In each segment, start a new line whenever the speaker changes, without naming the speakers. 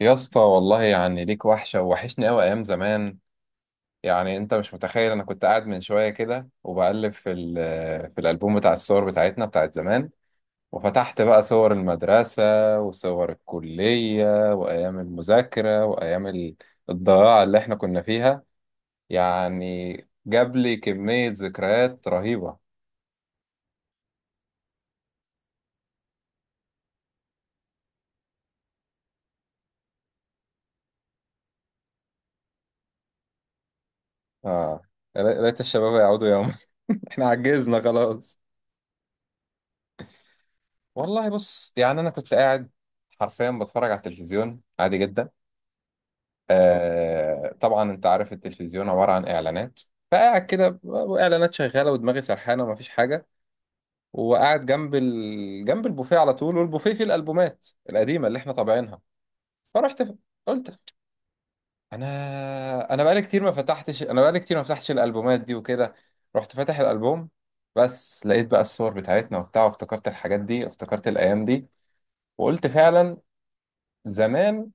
يا اسطى، والله يعني ليك وحشة ووحشني أوي أيام زمان. يعني أنت مش متخيل، أنا كنت قاعد من شوية كده وبقلب في ال في الألبوم بتاع الصور بتاعتنا بتاعت زمان، وفتحت بقى صور المدرسة وصور الكلية وأيام المذاكرة وأيام الضياع اللي إحنا كنا فيها. يعني جاب لي كمية ذكريات رهيبة. آه، يا ليت يا ليت الشباب يعودوا يوم. إحنا عجزنا خلاص. والله بص، يعني أنا كنت قاعد حرفيا بتفرج على التلفزيون عادي جدا. آه طبعا، انت عارف التلفزيون عبارة عن اعلانات، فقاعد كده اعلانات شغالة ودماغي سرحانة ومفيش حاجة، وقاعد جنب جنب البوفيه على طول، والبوفيه فيه الالبومات القديمة اللي احنا طابعينها. فرحت قلت انا بقالي كتير ما فتحتش الالبومات دي وكده. رحت فاتح الالبوم، بس لقيت بقى الصور بتاعتنا وبتاع، وافتكرت الحاجات دي، افتكرت الايام دي، وقلت فعلا زمان.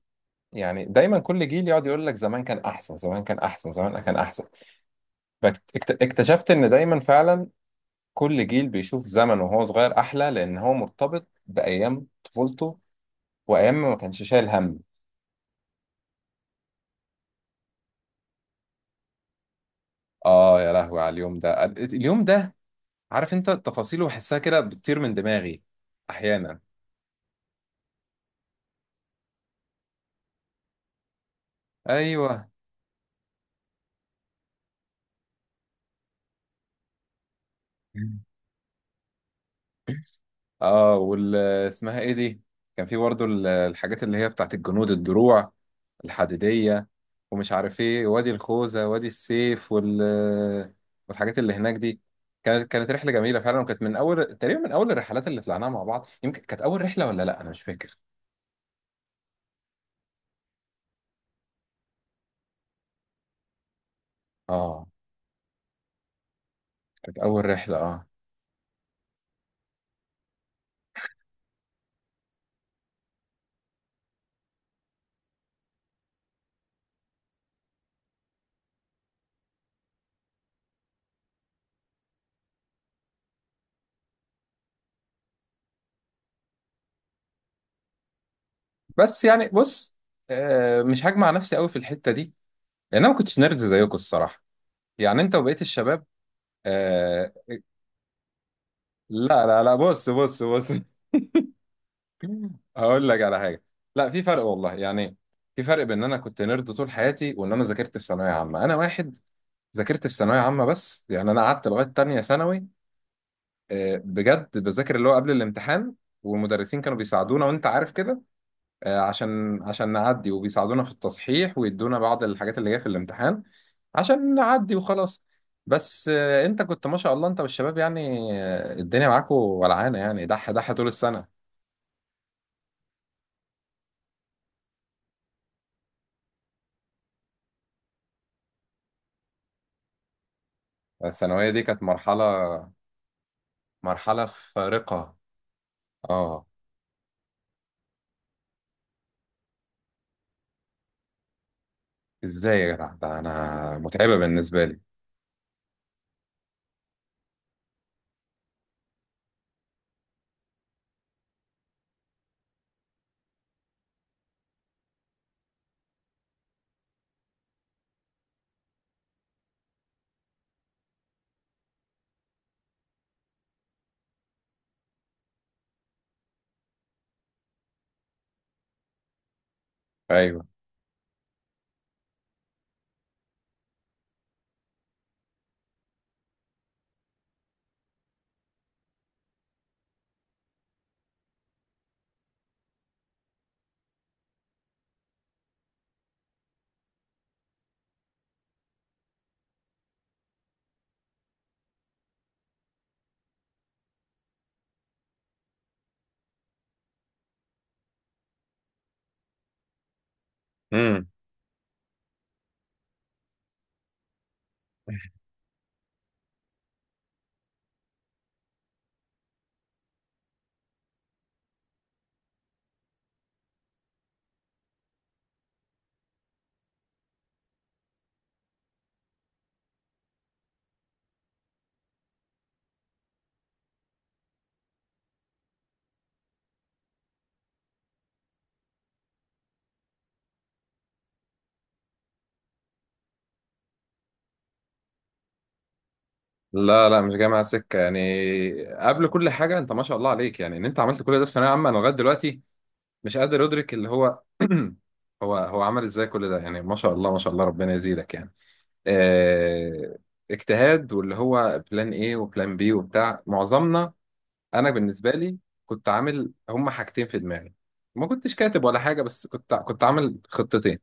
يعني دايما كل جيل يقعد يقول لك زمان كان احسن، زمان كان احسن، زمان كان احسن. اكتشفت ان دايما فعلا كل جيل بيشوف زمن وهو صغير احلى، لان هو مرتبط بايام طفولته وايام ما كانش شايل هم. اه يا لهوي على اليوم ده، اليوم ده عارف انت تفاصيله بحسها كده بتطير من دماغي احيانا. ايوه. اه، وال اسمها ايه دي كان في برضه الحاجات اللي هي بتاعت الجنود، الدروع الحديدية ومش عارف ايه، وادي الخوذة وادي السيف والحاجات اللي هناك دي. كانت رحلة جميلة فعلا، وكانت من اول تقريبا من اول الرحلات اللي طلعناها مع بعض. يمكن كانت اول رحلة ولا لا، انا مش فاكر. اه، كانت اول رحلة اه. بس يعني بص، آه، مش هجمع نفسي قوي في الحتة دي لان انا ما كنتش نرد زيكم الصراحة، يعني انت وبقية الشباب. آه. لا لا لا، بص بص بص. هقول لك على حاجه. لا، في فرق والله، يعني في فرق بين ان انا كنت نيرد طول حياتي، وان انا ذاكرت في ثانويه عامه. انا واحد ذاكرت في ثانويه عامه، بس يعني انا قعدت لغايه تانية ثانوي، بجد بذاكر اللي هو قبل الامتحان، والمدرسين كانوا بيساعدونا وانت عارف كده. عشان نعدي، وبيساعدونا في التصحيح ويدونا بعض الحاجات اللي جايه في الامتحان عشان نعدي وخلاص. بس انت كنت ما شاء الله، انت والشباب يعني الدنيا معاكوا ولعانه، يعني دح دح طول السنه. الثانويه دي كانت مرحله، مرحلة فارقة. اه. ازاي يا جدع؟ ده انا متعبة بالنسبة لي. ايوه. امم. لا لا، مش جاي معايا سكة يعني. قبل كل حاجة، انت ما شاء الله عليك، يعني ان انت عملت كل ده في ثانوية عامة. انا لغاية دلوقتي مش قادر ادرك اللي هو هو عمل ازاي كل ده، يعني ما شاء الله ما شاء الله، ربنا يزيدك يعني. آه، اجتهاد واللي هو بلان ايه وبلان بي وبتاع معظمنا. انا بالنسبة لي كنت عامل هما حاجتين في دماغي، ما كنتش كاتب ولا حاجة، بس كنت عامل خطتين.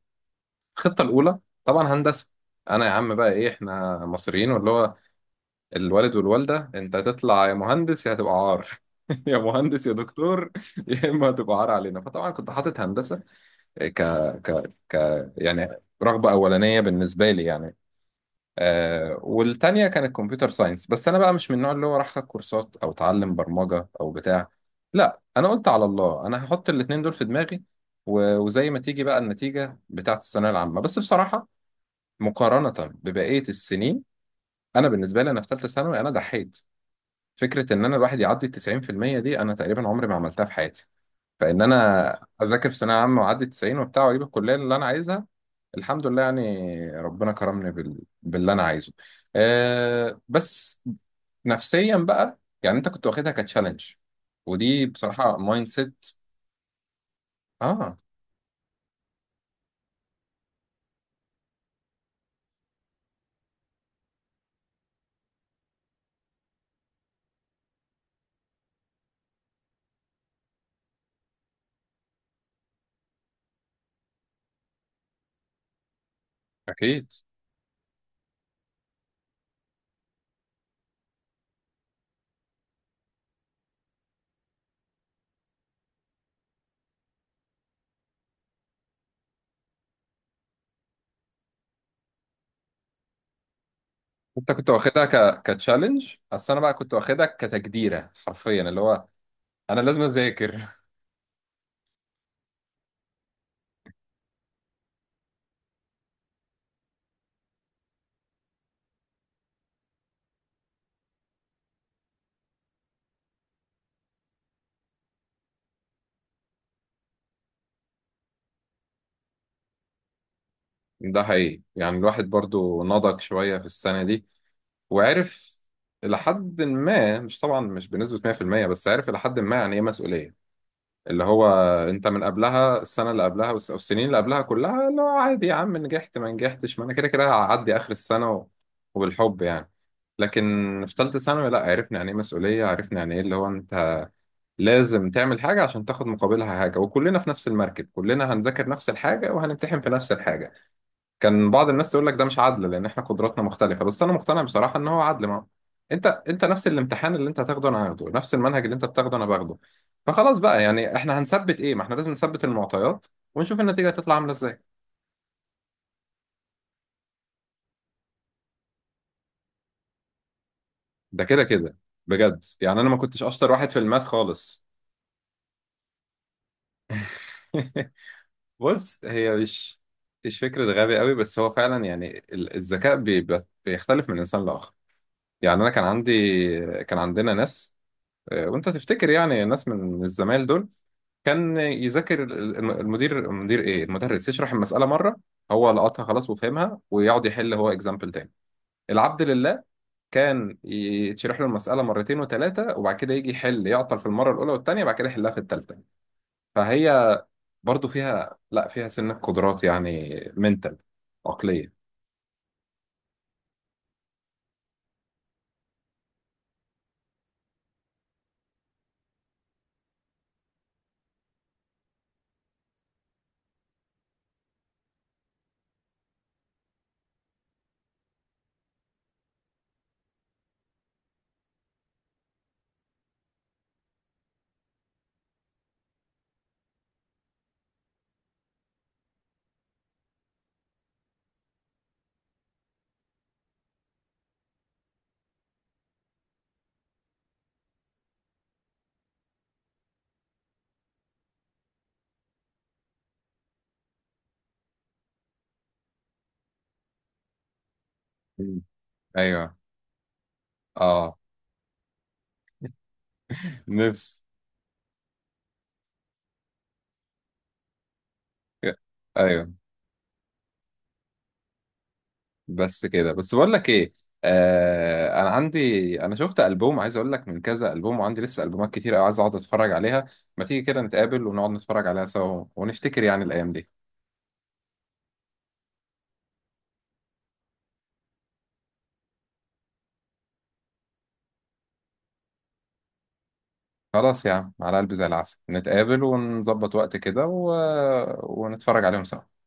الخطة الأولى طبعا هندسة. أنا يا عم بقى إيه، إحنا مصريين واللي هو الوالد والوالدة أنت هتطلع يا مهندس يا هتبقى عار. يا مهندس يا دكتور، يا إما هتبقى عار علينا. فطبعا كنت حاطط هندسة. إيه، ك ك ك يعني رغبة أولانية بالنسبة لي يعني. آه، والتانية كانت كمبيوتر ساينس. بس أنا بقى مش من النوع اللي هو راح أخد كورسات أو أتعلم برمجة أو بتاع. لا، أنا قلت على الله، أنا هحط الاتنين دول في دماغي وزي ما تيجي بقى النتيجة بتاعت الثانوية العامة. بس بصراحة، مقارنة ببقية السنين، أنا بالنسبة لي أنا في ثالثة ثانوي أنا ضحيت. فكرة إن أنا الواحد يعدي التسعين في المية دي، أنا تقريبا عمري ما عملتها في حياتي. فإن أنا أذاكر في ثانوية عامة وأعدي التسعين وبتاع وأجيب الكلية اللي أنا عايزها، الحمد لله يعني، ربنا كرمني باللي أنا عايزه. أه بس نفسيا بقى، يعني أنت كنت واخدها كتشالنج، ودي بصراحة مايند سيت. آه. أكيد. أنت كنت واخدها كتشالنج، أصل أنا بقى كنت واخدها كتجديرة، حرفيا اللي هو انا لازم اذاكر. ده حقيقي، يعني الواحد برضو نضج شوية في السنة دي وعرف إلى حد ما، مش طبعا مش بنسبة 100%، بس عرف إلى حد ما يعني ايه مسؤولية. اللي هو انت من قبلها، السنة اللي قبلها والسنين اللي قبلها كلها اللي هو عادي يا عم، نجحت ما نجحتش، ما انا كده كده هعدي اخر السنة وبالحب يعني. لكن في ثالثة ثانوي، لا، عرفنا يعني ايه مسؤولية، عرفنا يعني ايه اللي هو انت لازم تعمل حاجة عشان تاخد مقابلها حاجة، وكلنا في نفس المركب، كلنا هنذاكر نفس الحاجة وهنمتحن في نفس الحاجة. كان بعض الناس تقول لك ده مش عدل لان احنا قدراتنا مختلفه، بس انا مقتنع بصراحه ان هو عدل. ما انت نفس الامتحان اللي انت هتاخده انا هاخده، نفس المنهج اللي انت بتاخده انا باخده. فخلاص بقى، يعني احنا هنثبت ايه؟ ما احنا لازم نثبت المعطيات ونشوف النتيجه هتطلع عامله ازاي. ده كده كده. بجد يعني انا ما كنتش اشطر واحد في الماث خالص. بص، هي مش فكرة غبي قوي، بس هو فعلا يعني الذكاء بيختلف من إنسان لآخر. يعني أنا كان عندي، كان عندنا ناس، وانت تفتكر يعني الناس من الزمايل دول كان يذاكر ال- الم- المدير المدير ايه المدرس يشرح المسألة مرة، هو لقطها خلاص وفهمها ويقعد يحل هو اكزامبل تاني. العبد لله كان يتشرح له المسألة مرتين وثلاثة، وبعد كده يجي يحل يعطل في المرة الأولى والتانية، بعد كده يحلها في التالتة. فهي برضو فيها، لا، فيها سنة قدرات يعني منتال، عقلية. مم. ايوه. اه. نفس. ايوه. بس كده، بس بقول لك ايه، آه انا عندي، انا شفت البوم عايز اقول لك، من كذا البوم، وعندي لسه البومات كتير قوي عايز اقعد اتفرج عليها. ما تيجي كده نتقابل ونقعد نتفرج عليها سوا، ونفتكر يعني الايام دي. خلاص يا عم، على قلبي زي العسل، نتقابل ونظبط وقت كده ونتفرج عليهم سوا.